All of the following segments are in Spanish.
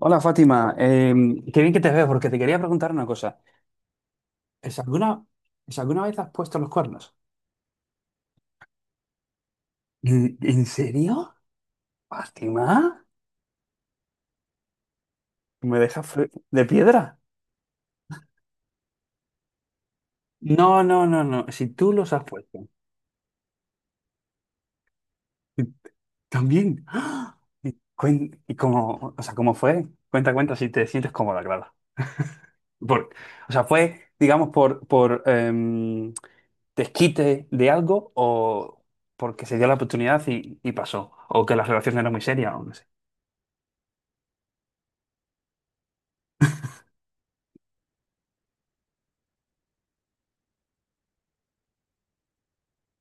Hola Fátima, qué bien que te veo porque te quería preguntar una cosa. ¿Es alguna, es alguna vez has puesto los cuernos? En serio? Fátima, me dejas de piedra. No, no, no, no. Si tú los has puesto. También. ¡Ah! ¿Y, y cómo, o sea, cómo fue? Cuenta, cuenta si te sientes cómoda, claro. Por, o sea, fue, digamos, por desquite de algo o porque se dio la oportunidad y pasó. O que la relación era muy seria o no sé.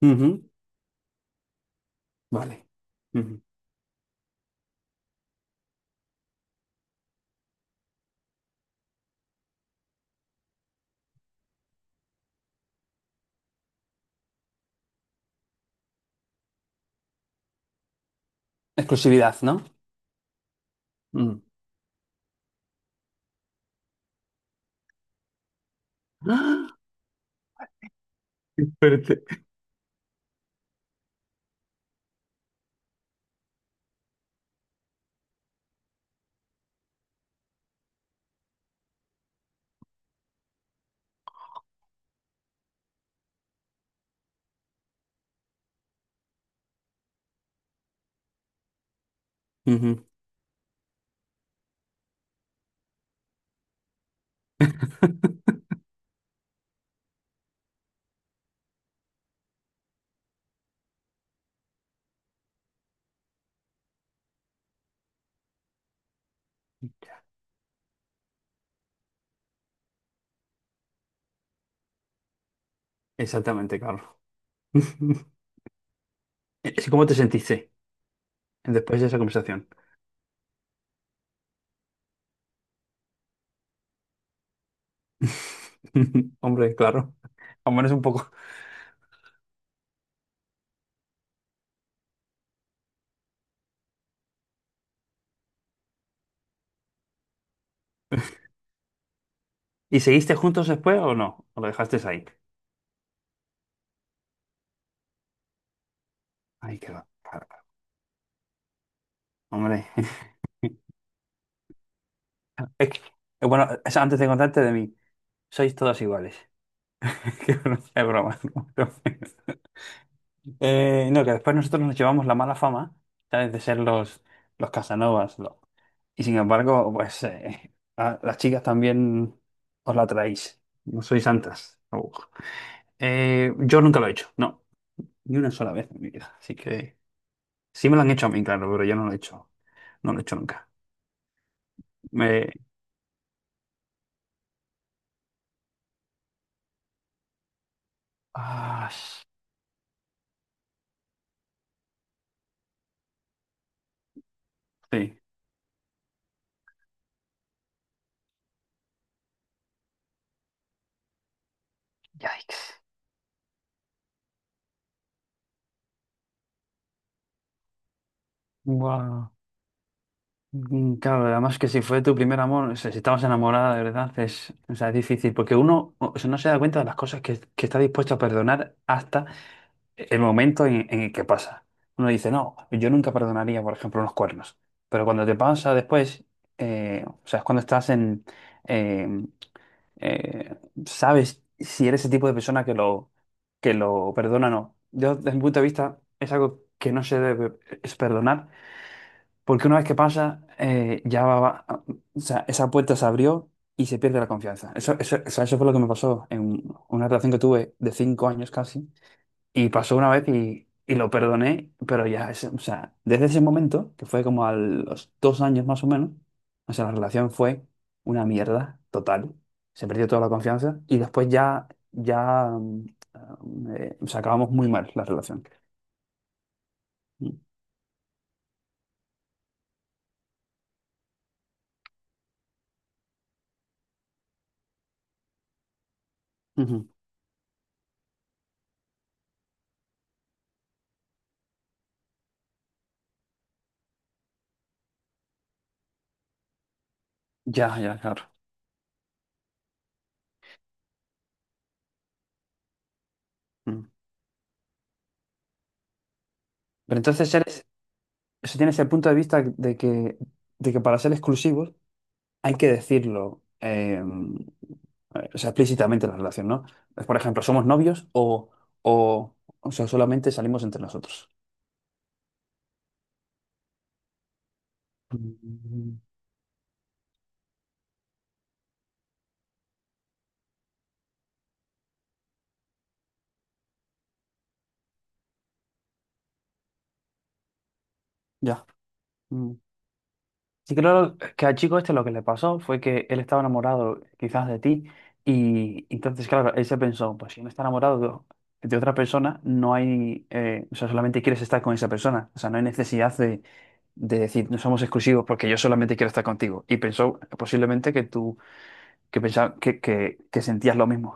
Ujú. Vale. Ujú. Exclusividad, ¿no? Mm. ¡Ah! Espérate. Ujú. Exactamente, Carlos. ¿Y cómo te sentiste después de esa conversación? Hombre, claro. Al menos un poco. ¿Y seguiste juntos después o no? ¿O lo dejaste ahí? Ay, qué va. Claro, claro. Hombre. Es que- bueno, antes de contarte de mí, sois todas iguales. Es broma. ¿No? Pero- No, que después nosotros nos llevamos la mala fama, ¿sabes? De ser los Casanovas. Y sin embargo, pues a las chicas también os la traéis. No sois santas. Oh. Yo nunca lo he hecho, no, ni una sola vez en mi vida. Así que sí me lo han hecho a mí, claro, pero yo no lo he hecho. No lo he hecho nunca. Me... Ah, sí. Yikes. Wow. Claro, además que si fue tu primer amor, o sea, si estabas enamorada de verdad, es, o sea, es difícil, porque uno o sea, no se da cuenta de las cosas que está dispuesto a perdonar hasta el momento en el que pasa. Uno dice, no, yo nunca perdonaría, por ejemplo, unos cuernos. Pero cuando te pasa después, o sea, es cuando estás en, eh, eh, sabes si eres ese tipo de persona que lo perdona o no. Yo, desde mi punto de vista, es algo que no se debe es perdonar, porque una vez que pasa, ya va, o sea, esa puerta se abrió y se pierde la confianza. Eso, o sea, eso fue lo que me pasó en una relación que tuve de 5 años casi y pasó una vez y lo perdoné, pero ya, o sea, desde ese momento, que fue como a los 2 años más o menos, o sea, la relación fue una mierda total. Se perdió toda la confianza y después ya, ya, o sea, acabamos muy mal la relación. Mm. Ujú. Ya, ya, claro. Mm. Pero entonces eres, o sea, tienes el punto de vista de que para ser exclusivos hay que decirlo o sea, explícitamente en la relación, ¿no? Por ejemplo, ¿somos novios o sea, solamente salimos entre nosotros? Mm. Ya. Mm. Sí, creo que al chico este lo que le pasó fue que él estaba enamorado quizás de ti y entonces, claro, él se pensó, pues si no está enamorado de otra persona, no hay, o sea, solamente quieres estar con esa persona, o sea, no hay necesidad de decir, no somos exclusivos porque yo solamente quiero estar contigo. Y pensó posiblemente que tú que pensaba que, que sentías lo mismo.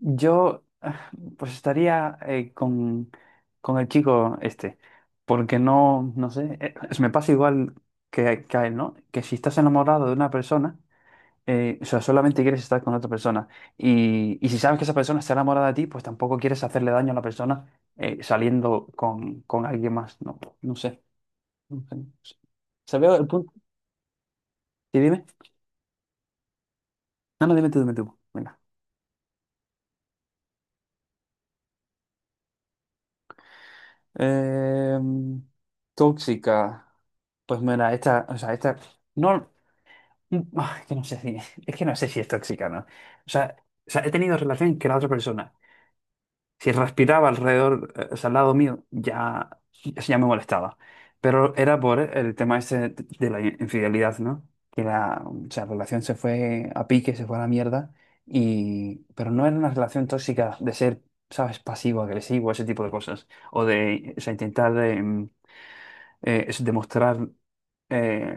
Yo pues estaría con el chico este, porque no, no sé, se me pasa igual que a él, ¿no? Que si estás enamorado de una persona, o sea, solamente quieres estar con otra persona. Y si sabes que esa persona está enamorada de ti, pues tampoco quieres hacerle daño a la persona saliendo con alguien más. No, no sé. No sé. Se veo el punto. Sí, dime. No, no, dime tú, dime tú. Venga. Em, Tóxica. Pues mira, esta, o sea, esta, no, ah, que no sé si, es que no sé si es tóxica, ¿no? Sea, o sea, he tenido relación que la otra persona, si respiraba alrededor, o sea, al lado mío, ya, eso ya me molestaba. Pero era por el tema ese de la infidelidad, ¿no? Que la, o sea, la relación se fue a pique, se fue a la mierda, y, pero no era una relación tóxica de ser, ¿sabes? Pasivo, agresivo, ese tipo de cosas. O de, o sea, intentar es demostrar eh,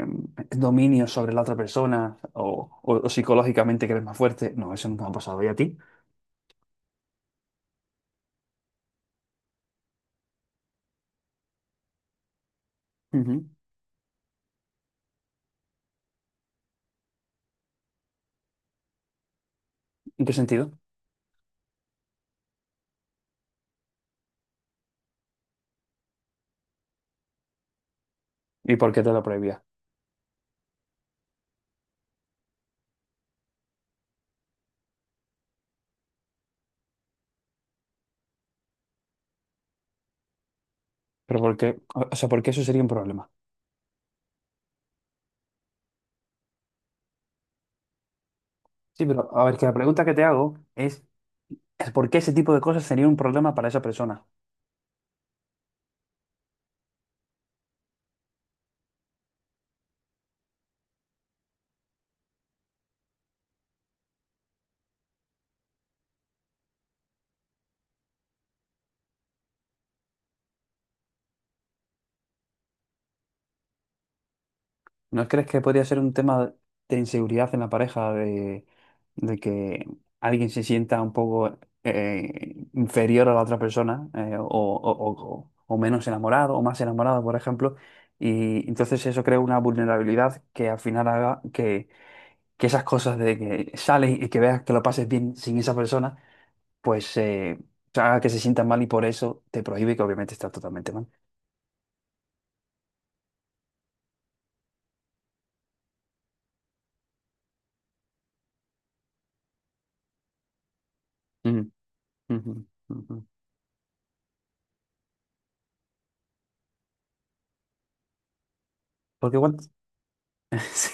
dominio sobre la otra persona o, o psicológicamente que eres más fuerte. No, eso nunca me ha pasado. ¿Y a ti? Ujú. ¿En qué sentido? ¿Y por qué te lo prohibía? Pero porque, o sea, porque eso sería un problema. Sí, pero a ver, que la pregunta que te hago es ¿por qué ese tipo de cosas sería un problema para esa persona? ¿No crees que podría ser un tema de inseguridad en la pareja, de que alguien se sienta un poco inferior a la otra persona, o, o menos enamorado, o más enamorado, por ejemplo? Y entonces eso crea una vulnerabilidad que al final haga que esas cosas de que sales y que veas que lo pases bien sin esa persona, pues haga que se sienta mal y por eso te prohíbe que obviamente está totalmente mal. Ujú, ujú, ujú. Porque igual Sí.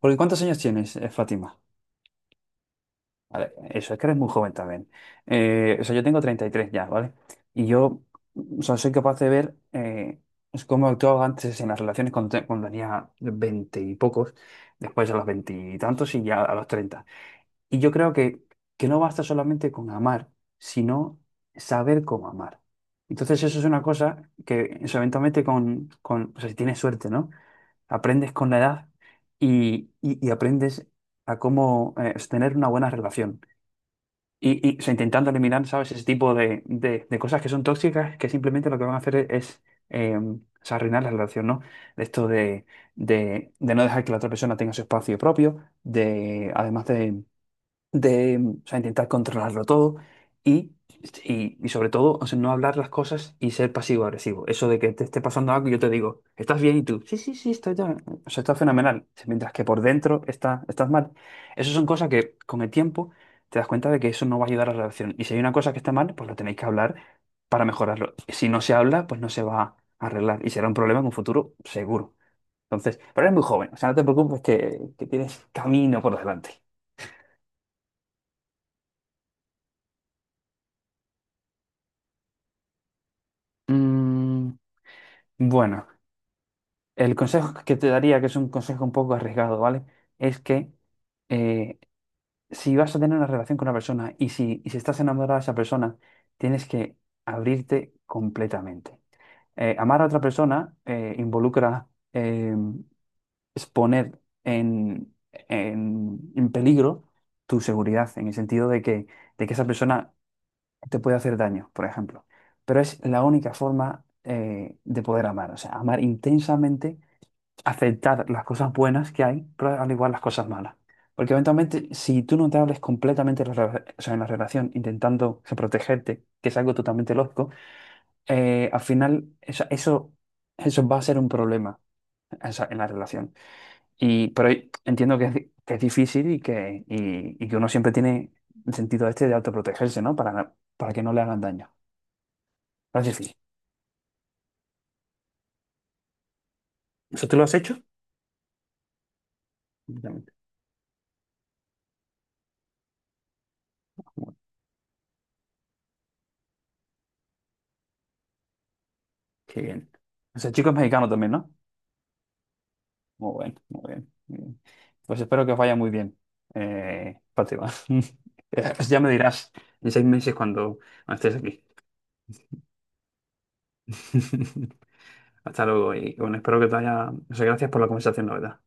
Porque ¿cuántos años tienes, Fátima? Vale, eso, es que eres muy joven también. O sea, yo tengo 33 ya, ¿vale? Y yo, o sea, soy capaz de ver pues cómo actuaba antes en las relaciones cuando, cuando tenía 20 y pocos, después a los 20 y tantos y ya a los 30. Y yo creo que no basta solamente con amar, sino saber cómo amar. Entonces eso es una cosa que o sea, eventualmente con, o sea, si tienes suerte, ¿no? Aprendes con la edad y, y aprendes a cómo tener una buena relación. Y, o sea, intentando eliminar, ¿sabes? Ese tipo de, de cosas que son tóxicas, que simplemente lo que van a hacer es, o sea, arruinar la relación, ¿no? De esto de no dejar que la otra persona tenga su espacio propio, de, además de o sea, intentar controlarlo todo y, y sobre todo o sea, no hablar las cosas y ser pasivo-agresivo. Eso de que te esté pasando algo y yo te digo, ¿estás bien? Y tú, sí, sí, sí, estoy ya, o sea, está fenomenal. Mientras que por dentro está, estás mal. Eso son cosas que con el tiempo te das cuenta de que eso no va a ayudar a la relación. Y si hay una cosa que está mal, pues lo tenéis que hablar para mejorarlo. Si no se habla, pues no se va a arreglar y será un problema en un futuro seguro. Entonces, pero eres muy joven, o sea, no te preocupes que tienes camino por delante. Mm, Bueno, el consejo que te daría, que es un consejo un poco arriesgado, ¿vale? Es que eh, si vas a tener una relación con una persona y si estás enamorada de esa persona, tienes que abrirte completamente. Amar a otra persona involucra exponer en en peligro tu seguridad, en el sentido de que esa persona te puede hacer daño, por ejemplo. Pero es la única forma de poder amar, o sea, amar intensamente aceptar las cosas buenas que hay, pero al igual las cosas malas. Porque eventualmente, si tú no te hables completamente la o sea, en la relación, intentando o sea, protegerte, que es algo totalmente lógico, al final o sea, eso va a ser un problema o sea, en la relación. Y, pero entiendo que es, que es difícil y que uno siempre tiene el sentido este de autoprotegerse, ¿no? Para que no le hagan daño. Pero es difícil. ¿Eso tú lo has hecho? Completamente. Muy bien. Qué bien. O sea, chico es mexicano también, ¿no? Muy bien, muy bien. Muy bien. Pues espero que os vaya muy bien, Fátima. Ya me dirás en 6 meses cuando, cuando estés aquí. Hasta luego y bueno, espero que te haya... o sea, gracias por la conversación, la verdad.